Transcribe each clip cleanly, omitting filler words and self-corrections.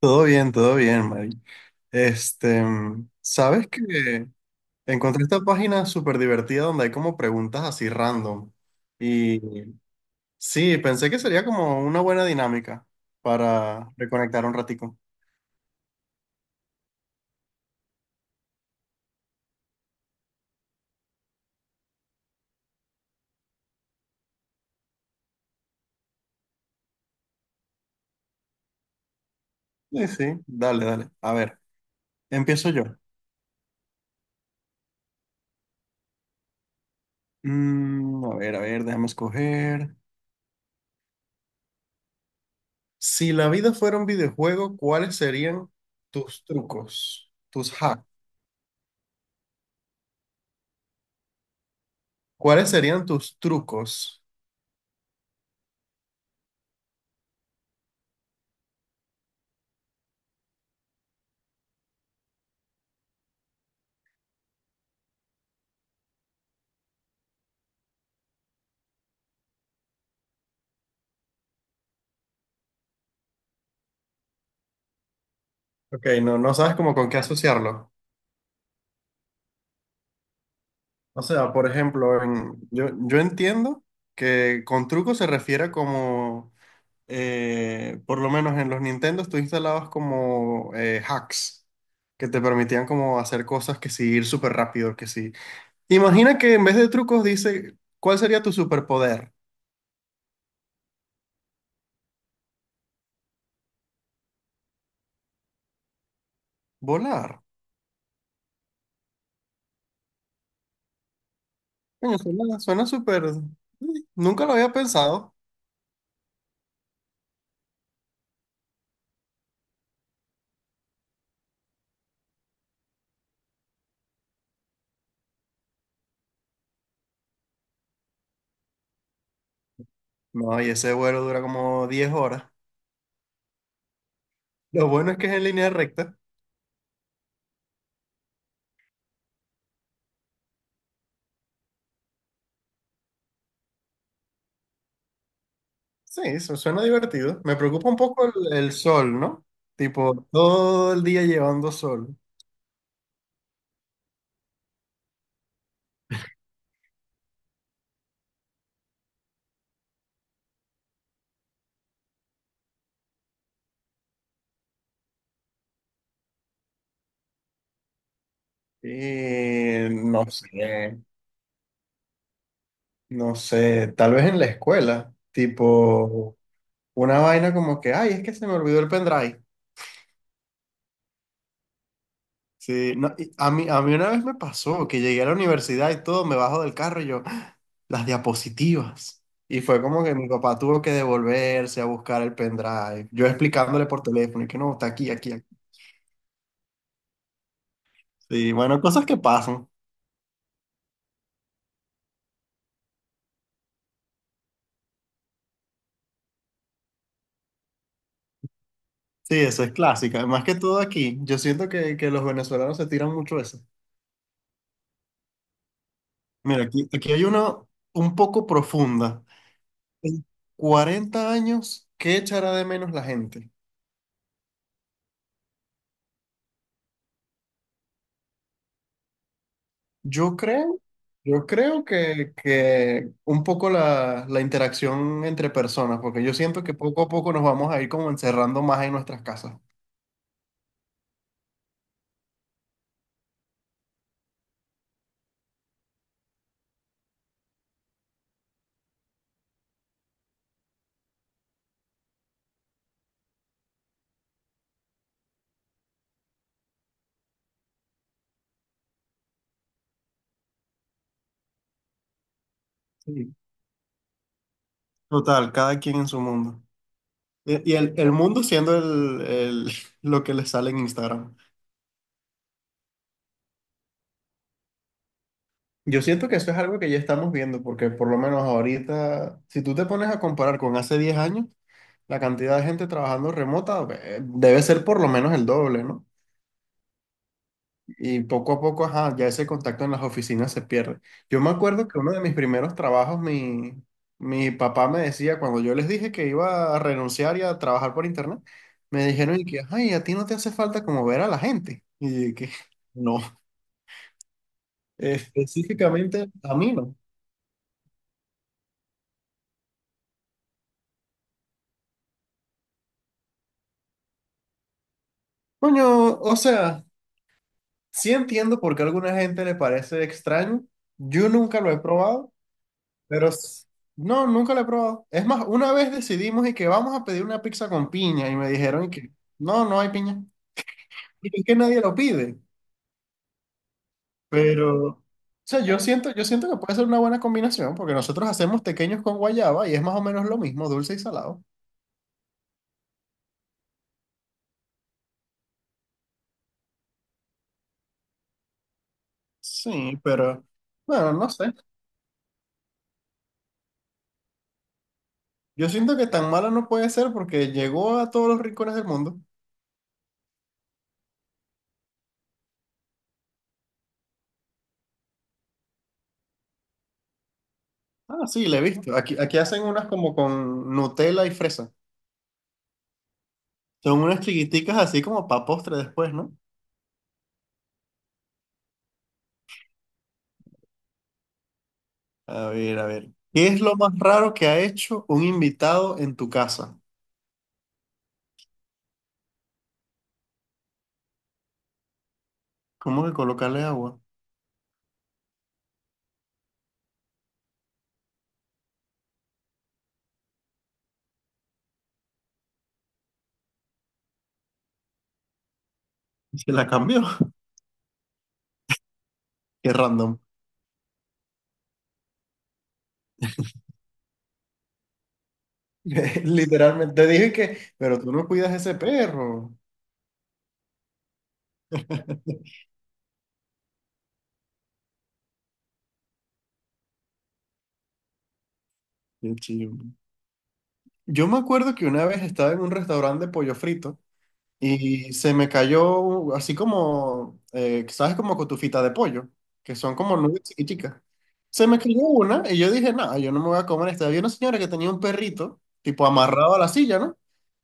Todo bien, Mari. ¿Sabes que encontré esta página súper divertida donde hay como preguntas así random? Y sí, pensé que sería como una buena dinámica para reconectar un ratico. Sí, sí, dale, dale. A ver, empiezo yo. A ver, a ver, déjame escoger. Si la vida fuera un videojuego, ¿cuáles serían tus trucos? Tus hacks. ¿Cuáles serían tus trucos? Ok, no, no sabes como con qué asociarlo. O sea, por ejemplo, yo entiendo que con truco se refiere como, por lo menos en los Nintendos, tú instalabas como hacks que te permitían como hacer cosas que sí, ir súper rápido, que sí. Imagina que en vez de trucos dice, ¿cuál sería tu superpoder? Volar. Coño, suena, suena súper. Sí, nunca lo había pensado. No, y ese vuelo dura como 10 horas. Lo bueno es que es en línea recta. Sí, eso suena divertido. Me preocupa un poco el sol, ¿no? Tipo, todo el día llevando sol. Y no sé, no sé, tal vez en la escuela, tipo, una vaina como que, ay, es que se me olvidó el pendrive. Sí, no, y a mí una vez me pasó que llegué a la universidad y todo, me bajo del carro y yo, "Ah, las diapositivas". Y fue como que mi papá tuvo que devolverse a buscar el pendrive, yo explicándole por teléfono y que no, está aquí, aquí, aquí. Sí, bueno, cosas que pasan. Sí, eso es clásica. Más que todo aquí, yo siento que los venezolanos se tiran mucho eso. Mira, aquí hay una un poco profunda. En 40 años, ¿qué echará de menos la gente? Yo creo, yo creo que un poco la interacción entre personas, porque yo siento que poco a poco nos vamos a ir como encerrando más en nuestras casas. Sí. Total, cada quien en su mundo. Y el mundo siendo lo que les sale en Instagram. Yo siento que eso es algo que ya estamos viendo, porque por lo menos ahorita, si tú te pones a comparar con hace 10 años, la cantidad de gente trabajando remota debe ser por lo menos el doble, ¿no? Y poco a poco, ajá, ya ese contacto en las oficinas se pierde. Yo me acuerdo que uno de mis primeros trabajos, mi papá me decía, cuando yo les dije que iba a renunciar y a trabajar por internet, me dijeron, y que, ay, a ti no te hace falta como ver a la gente. Y yo, que, no, específicamente a mí no. Coño, o sea. Sí entiendo por qué a alguna gente le parece extraño. Yo nunca lo he probado, pero no, nunca lo he probado. Es más, una vez decidimos y que vamos a pedir una pizza con piña y me dijeron y que no, no hay piña. Y es que nadie lo pide. Pero, o sea, yo siento que puede ser una buena combinación porque nosotros hacemos pequeños con guayaba y es más o menos lo mismo, dulce y salado. Sí, pero bueno, no sé. Yo siento que tan mala no puede ser porque llegó a todos los rincones del mundo. Ah, sí, la he visto. Aquí hacen unas como con Nutella y fresa. Son unas chiquiticas así como para postre después, ¿no? A ver, a ver. ¿Qué es lo más raro que ha hecho un invitado en tu casa? ¿Cómo que colocarle agua? Se la cambió. Qué random. Literalmente te dije que, pero tú no cuidas ese perro. Qué chido. Yo me acuerdo que una vez estaba en un restaurante de pollo frito y se me cayó así como, ¿sabes? Como cotufita de pollo, que son como nubes chiquiticas. Se me cayó una y yo dije, nada, yo no me voy a comer esta. Había una señora que tenía un perrito, tipo amarrado a la silla, ¿no?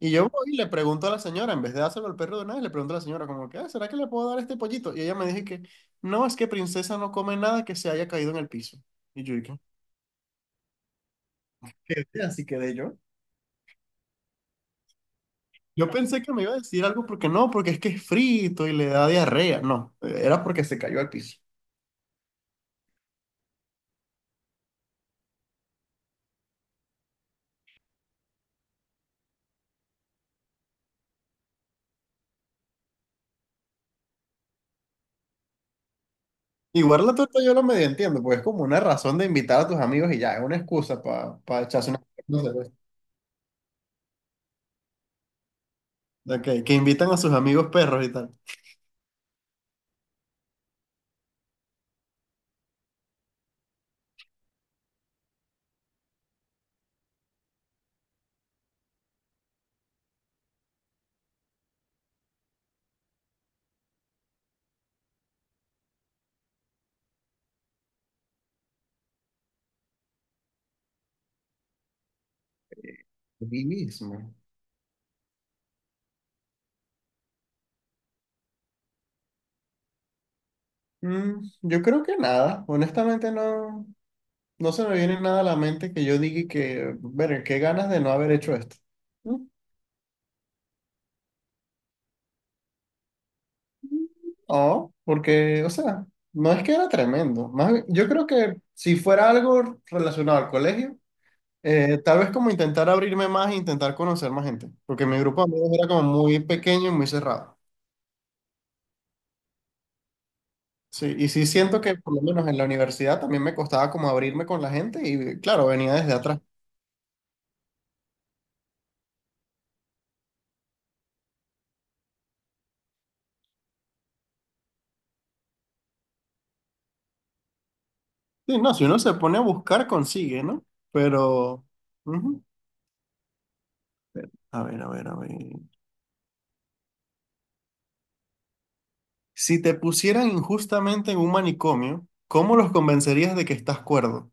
Y yo voy y le pregunto a la señora, en vez de dárselo al perro de una vez, le pregunto a la señora como que, "Ah, ¿será que le puedo dar este pollito?" Y ella me dijo que, no, es que princesa no come nada que se haya caído en el piso. Y yo dije, "¿Qué?". Así quedé yo. Yo pensé que me iba a decir algo porque no, porque es que es frito y le da diarrea. No, era porque se cayó al piso. Igual la torta yo lo medio entiendo, porque es como una razón de invitar a tus amigos y ya, es una excusa para echarse una, no sé, pues. Ok, que invitan a sus amigos perros y tal. Mí mismo. Yo creo que nada, honestamente no, no se me viene nada a la mente que yo diga que, ver, qué ganas de no haber hecho esto. Mm, No, porque, o sea, no es que era tremendo. Más bien, yo creo que si fuera algo relacionado al colegio, tal vez como intentar abrirme más e intentar conocer más gente, porque mi grupo de amigos era como muy pequeño y muy cerrado. Sí, y sí siento que por lo menos en la universidad también me costaba como abrirme con la gente y claro, venía desde atrás. Sí, no, si uno se pone a buscar consigue, ¿no? Pero. Ujú. A ver, a ver, a ver. Si te pusieran injustamente en un manicomio, ¿cómo los convencerías de que estás cuerdo?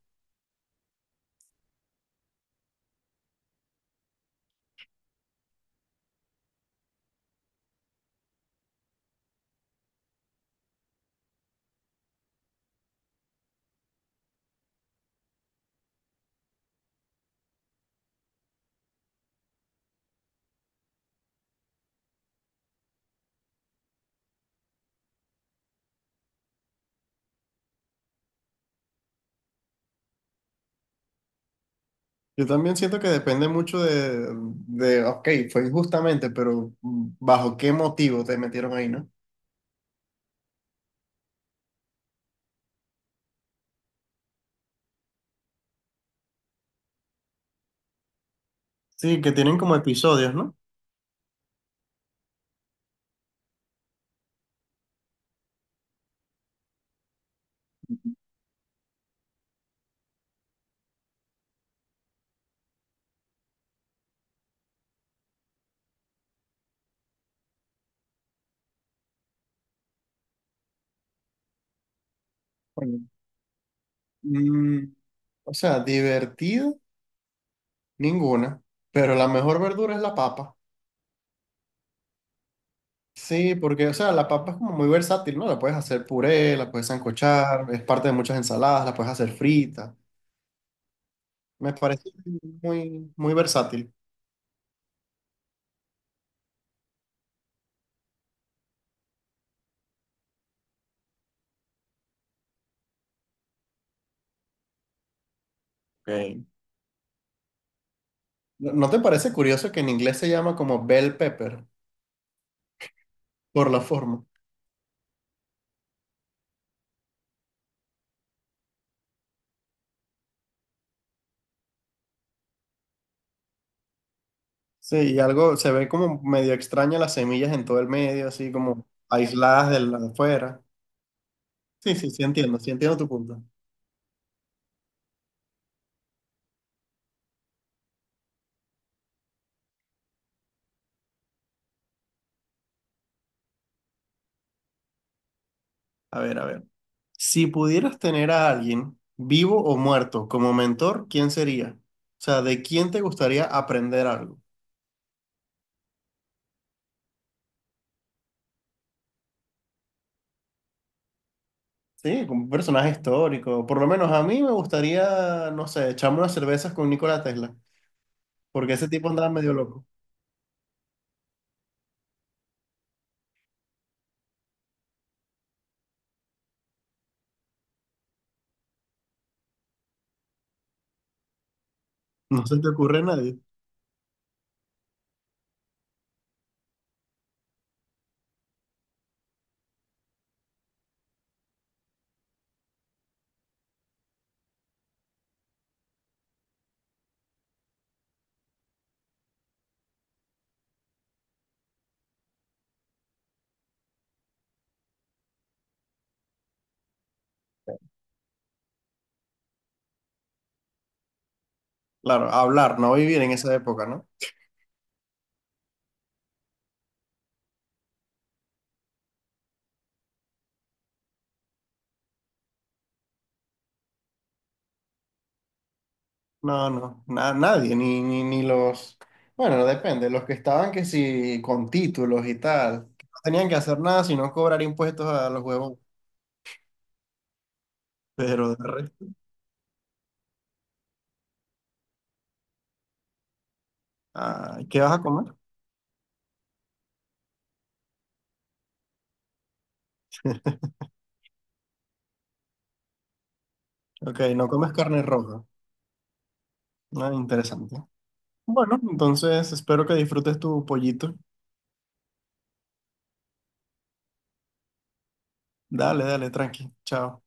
Yo también siento que depende mucho de, ok, fue injustamente, pero ¿bajo qué motivo te metieron ahí, no? Sí, que tienen como episodios, ¿no? Bueno, Mm, o sea, divertido, ninguna. Pero la mejor verdura es la papa. Sí, porque, o sea, la papa es como muy versátil, ¿no? La puedes hacer puré, la puedes sancochar, es parte de muchas ensaladas, la puedes hacer frita. Me parece muy, muy versátil. Ok. ¿No te parece curioso que en inglés se llama como bell pepper por la forma? Sí, y algo se ve como medio extraña las semillas en todo el medio, así como aisladas de la de afuera. Sí, sí, sí, entiendo tu punto. A ver, a ver. Si pudieras tener a alguien vivo o muerto como mentor, ¿quién sería? O sea, ¿de quién te gustaría aprender algo? Sí, como un personaje histórico. Por lo menos a mí me gustaría, no sé, echarme unas cervezas con Nikola Tesla, porque ese tipo andaba medio loco. No se te ocurre a nadie. Claro, hablar, no vivir en esa época, ¿no? No, no, nadie, ni los, bueno, depende, los que estaban que sí, con títulos y tal, que no tenían que hacer nada sino cobrar impuestos a los huevos, pero de resto, ay, ¿qué vas a comer? Ok, no comes carne roja. Ah, interesante. Bueno, entonces espero que disfrutes tu pollito, dale, dale, tranqui, chao.